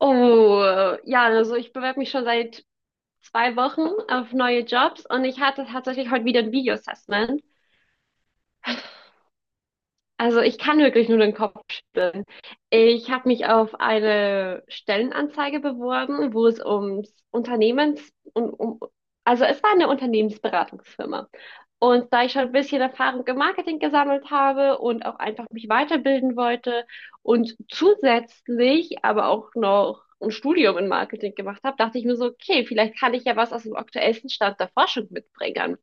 Oh, ja, also ich bewerbe mich schon seit zwei Wochen auf neue Jobs und ich hatte tatsächlich heute wieder ein Video-Assessment. Also ich kann wirklich nur den Kopf schütteln. Ich habe mich auf eine Stellenanzeige beworben, wo es ums Unternehmens, also es war eine Unternehmensberatungsfirma. Und da ich schon ein bisschen Erfahrung im Marketing gesammelt habe und auch einfach mich weiterbilden wollte und zusätzlich aber auch noch ein Studium in Marketing gemacht habe, dachte ich mir so, okay, vielleicht kann ich ja was aus dem aktuellsten Stand der Forschung mitbringen.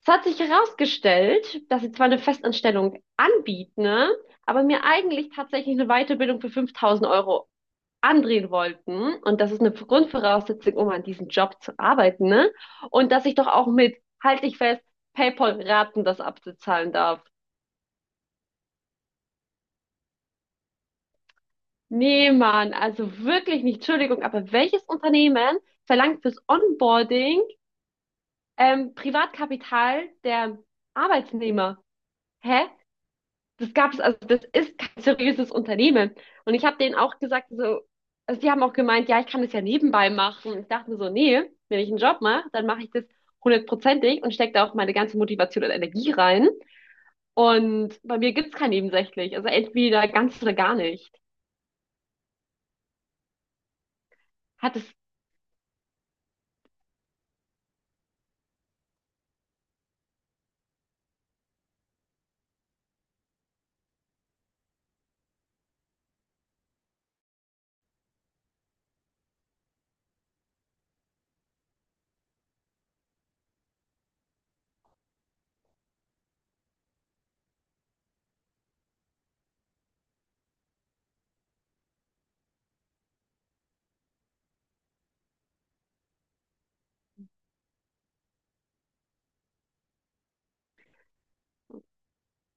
Es hat sich herausgestellt, dass sie zwar eine Festanstellung anbieten, ne, aber mir eigentlich tatsächlich eine Weiterbildung für 5000 Euro andrehen wollten. Und das ist eine Grundvoraussetzung, um an diesem Job zu arbeiten. Ne? Und dass ich doch auch mit, halt dich fest, PayPal-Raten das abzuzahlen darf. Nee, Mann, also wirklich nicht. Entschuldigung, aber welches Unternehmen verlangt fürs Onboarding Privatkapital der Arbeitnehmer? Hä? Das gab's, also das ist kein seriöses Unternehmen. Und ich habe denen auch gesagt, so, also die haben auch gemeint, ja, ich kann das ja nebenbei machen. Und ich dachte mir so, nee, wenn ich einen Job mache, dann mache ich das hundertprozentig und stecke da auch meine ganze Motivation und Energie rein. Und bei mir gibt's kein nebensächlich. Also entweder ganz oder gar nicht. Hat es,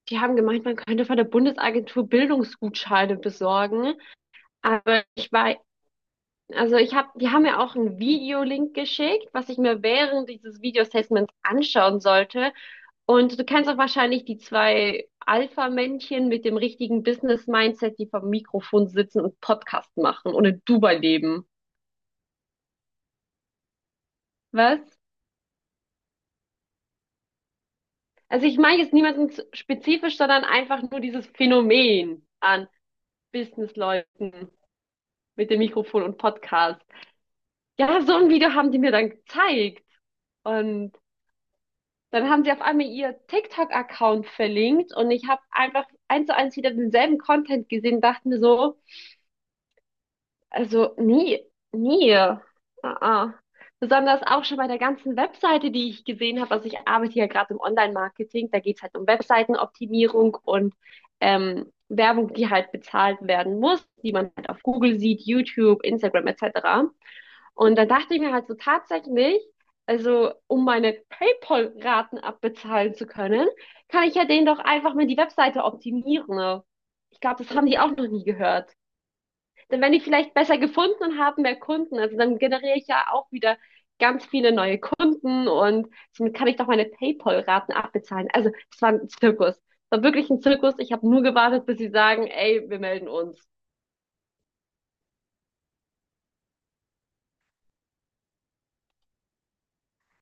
die haben gemeint, man könnte von der Bundesagentur Bildungsgutscheine besorgen. Aber ich war, also ich habe, die haben mir auch einen Videolink geschickt, was ich mir während dieses Videostatements anschauen sollte. Und du kennst auch wahrscheinlich die zwei Alpha-Männchen mit dem richtigen Business-Mindset, die vom Mikrofon sitzen und Podcast machen und in Dubai leben. Was? Also ich meine jetzt niemanden spezifisch, sondern einfach nur dieses Phänomen an Business-Leuten mit dem Mikrofon und Podcast. Ja, so ein Video haben die mir dann gezeigt. Und dann haben sie auf einmal ihr TikTok-Account verlinkt und ich habe einfach eins zu eins wieder denselben Content gesehen, dachte mir so, also nie, nie. Ah, ah. Besonders auch schon bei der ganzen Webseite, die ich gesehen habe. Also ich arbeite ja gerade im Online-Marketing. Da geht's halt um Webseitenoptimierung und Werbung, die halt bezahlt werden muss, die man halt auf Google sieht, YouTube, Instagram etc. Und dann dachte ich mir halt so tatsächlich, also um meine PayPal-Raten abbezahlen zu können, kann ich ja denen doch einfach mal die Webseite optimieren. Ich glaube, das haben die auch noch nie gehört, dann wenn ich vielleicht besser gefunden und habe mehr Kunden. Also dann generiere ich ja auch wieder ganz viele neue Kunden und somit kann ich doch meine PayPal-Raten abbezahlen. Also es war ein Zirkus. Es war wirklich ein Zirkus. Ich habe nur gewartet, bis sie sagen, ey, wir melden uns.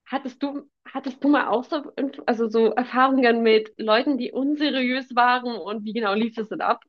Hattest du mal auch so, also so Erfahrungen mit Leuten, die unseriös waren und wie genau lief das denn ab?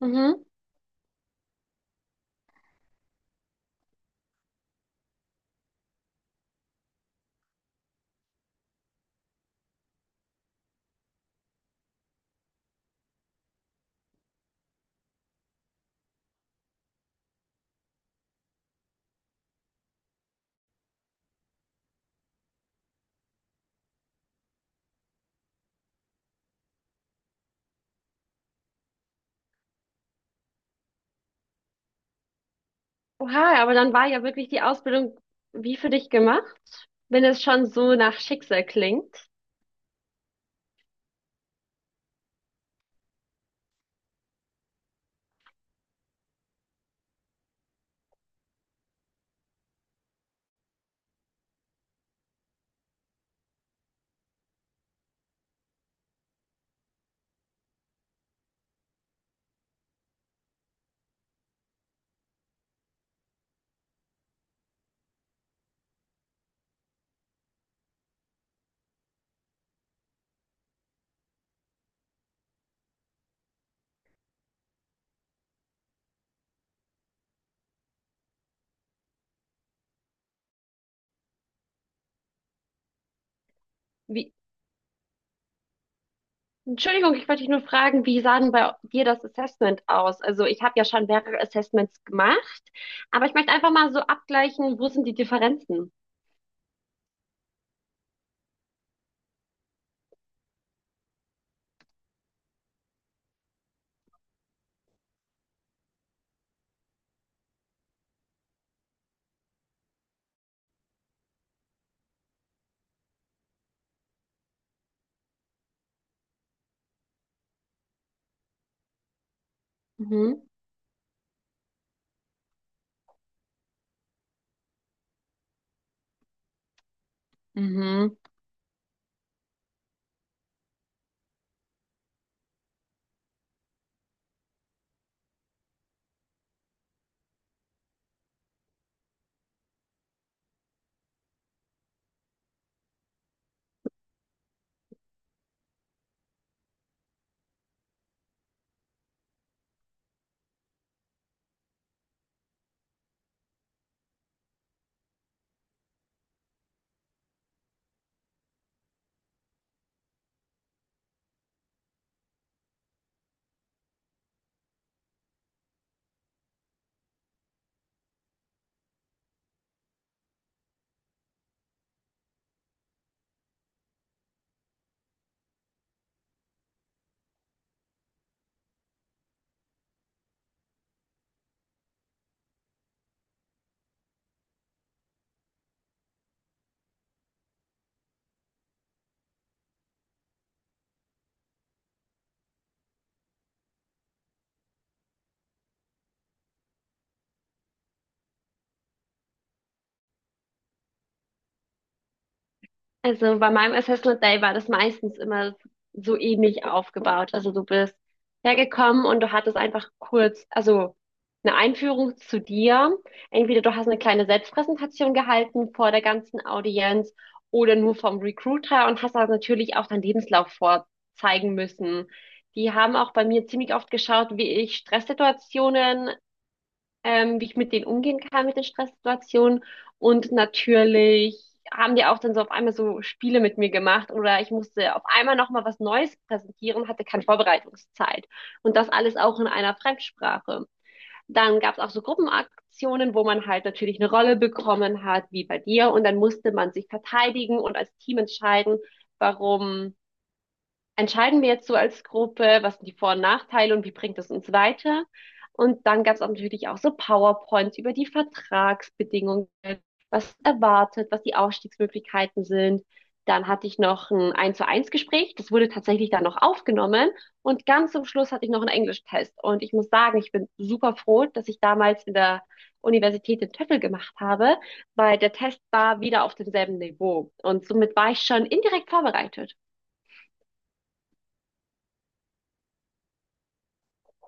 Mhm. Oha, aber dann war ja wirklich die Ausbildung wie für dich gemacht, wenn es schon so nach Schicksal klingt. Wie, Entschuldigung, ich wollte dich nur fragen, wie sah denn bei dir das Assessment aus? Also ich habe ja schon mehrere Assessments gemacht, aber ich möchte einfach mal so abgleichen, wo sind die Differenzen? Mhm. Mhm. Also bei meinem Assessment Day war das meistens immer so ähnlich aufgebaut. Also du bist hergekommen und du hattest einfach kurz, also eine Einführung zu dir. Entweder du hast eine kleine Selbstpräsentation gehalten vor der ganzen Audienz oder nur vom Recruiter und hast also natürlich auch deinen Lebenslauf vorzeigen müssen. Die haben auch bei mir ziemlich oft geschaut, wie ich Stresssituationen, wie ich mit denen umgehen kann, mit den Stresssituationen. Und natürlich haben die auch dann so auf einmal so Spiele mit mir gemacht oder ich musste auf einmal nochmal was Neues präsentieren, hatte keine Vorbereitungszeit. Und das alles auch in einer Fremdsprache. Dann gab es auch so Gruppenaktionen, wo man halt natürlich eine Rolle bekommen hat, wie bei dir. Und dann musste man sich verteidigen und als Team entscheiden, warum entscheiden wir jetzt so als Gruppe, was sind die Vor- und Nachteile und wie bringt es uns weiter? Und dann gab es auch natürlich auch so PowerPoints über die Vertragsbedingungen, was erwartet, was die Ausstiegsmöglichkeiten sind. Dann hatte ich noch ein 1 zu eins Gespräch, das wurde tatsächlich dann noch aufgenommen. Und ganz zum Schluss hatte ich noch einen Englischtest. Und ich muss sagen, ich bin super froh, dass ich damals in der Universität den TOEFL gemacht habe, weil der Test war wieder auf demselben Niveau. Und somit war ich schon indirekt vorbereitet.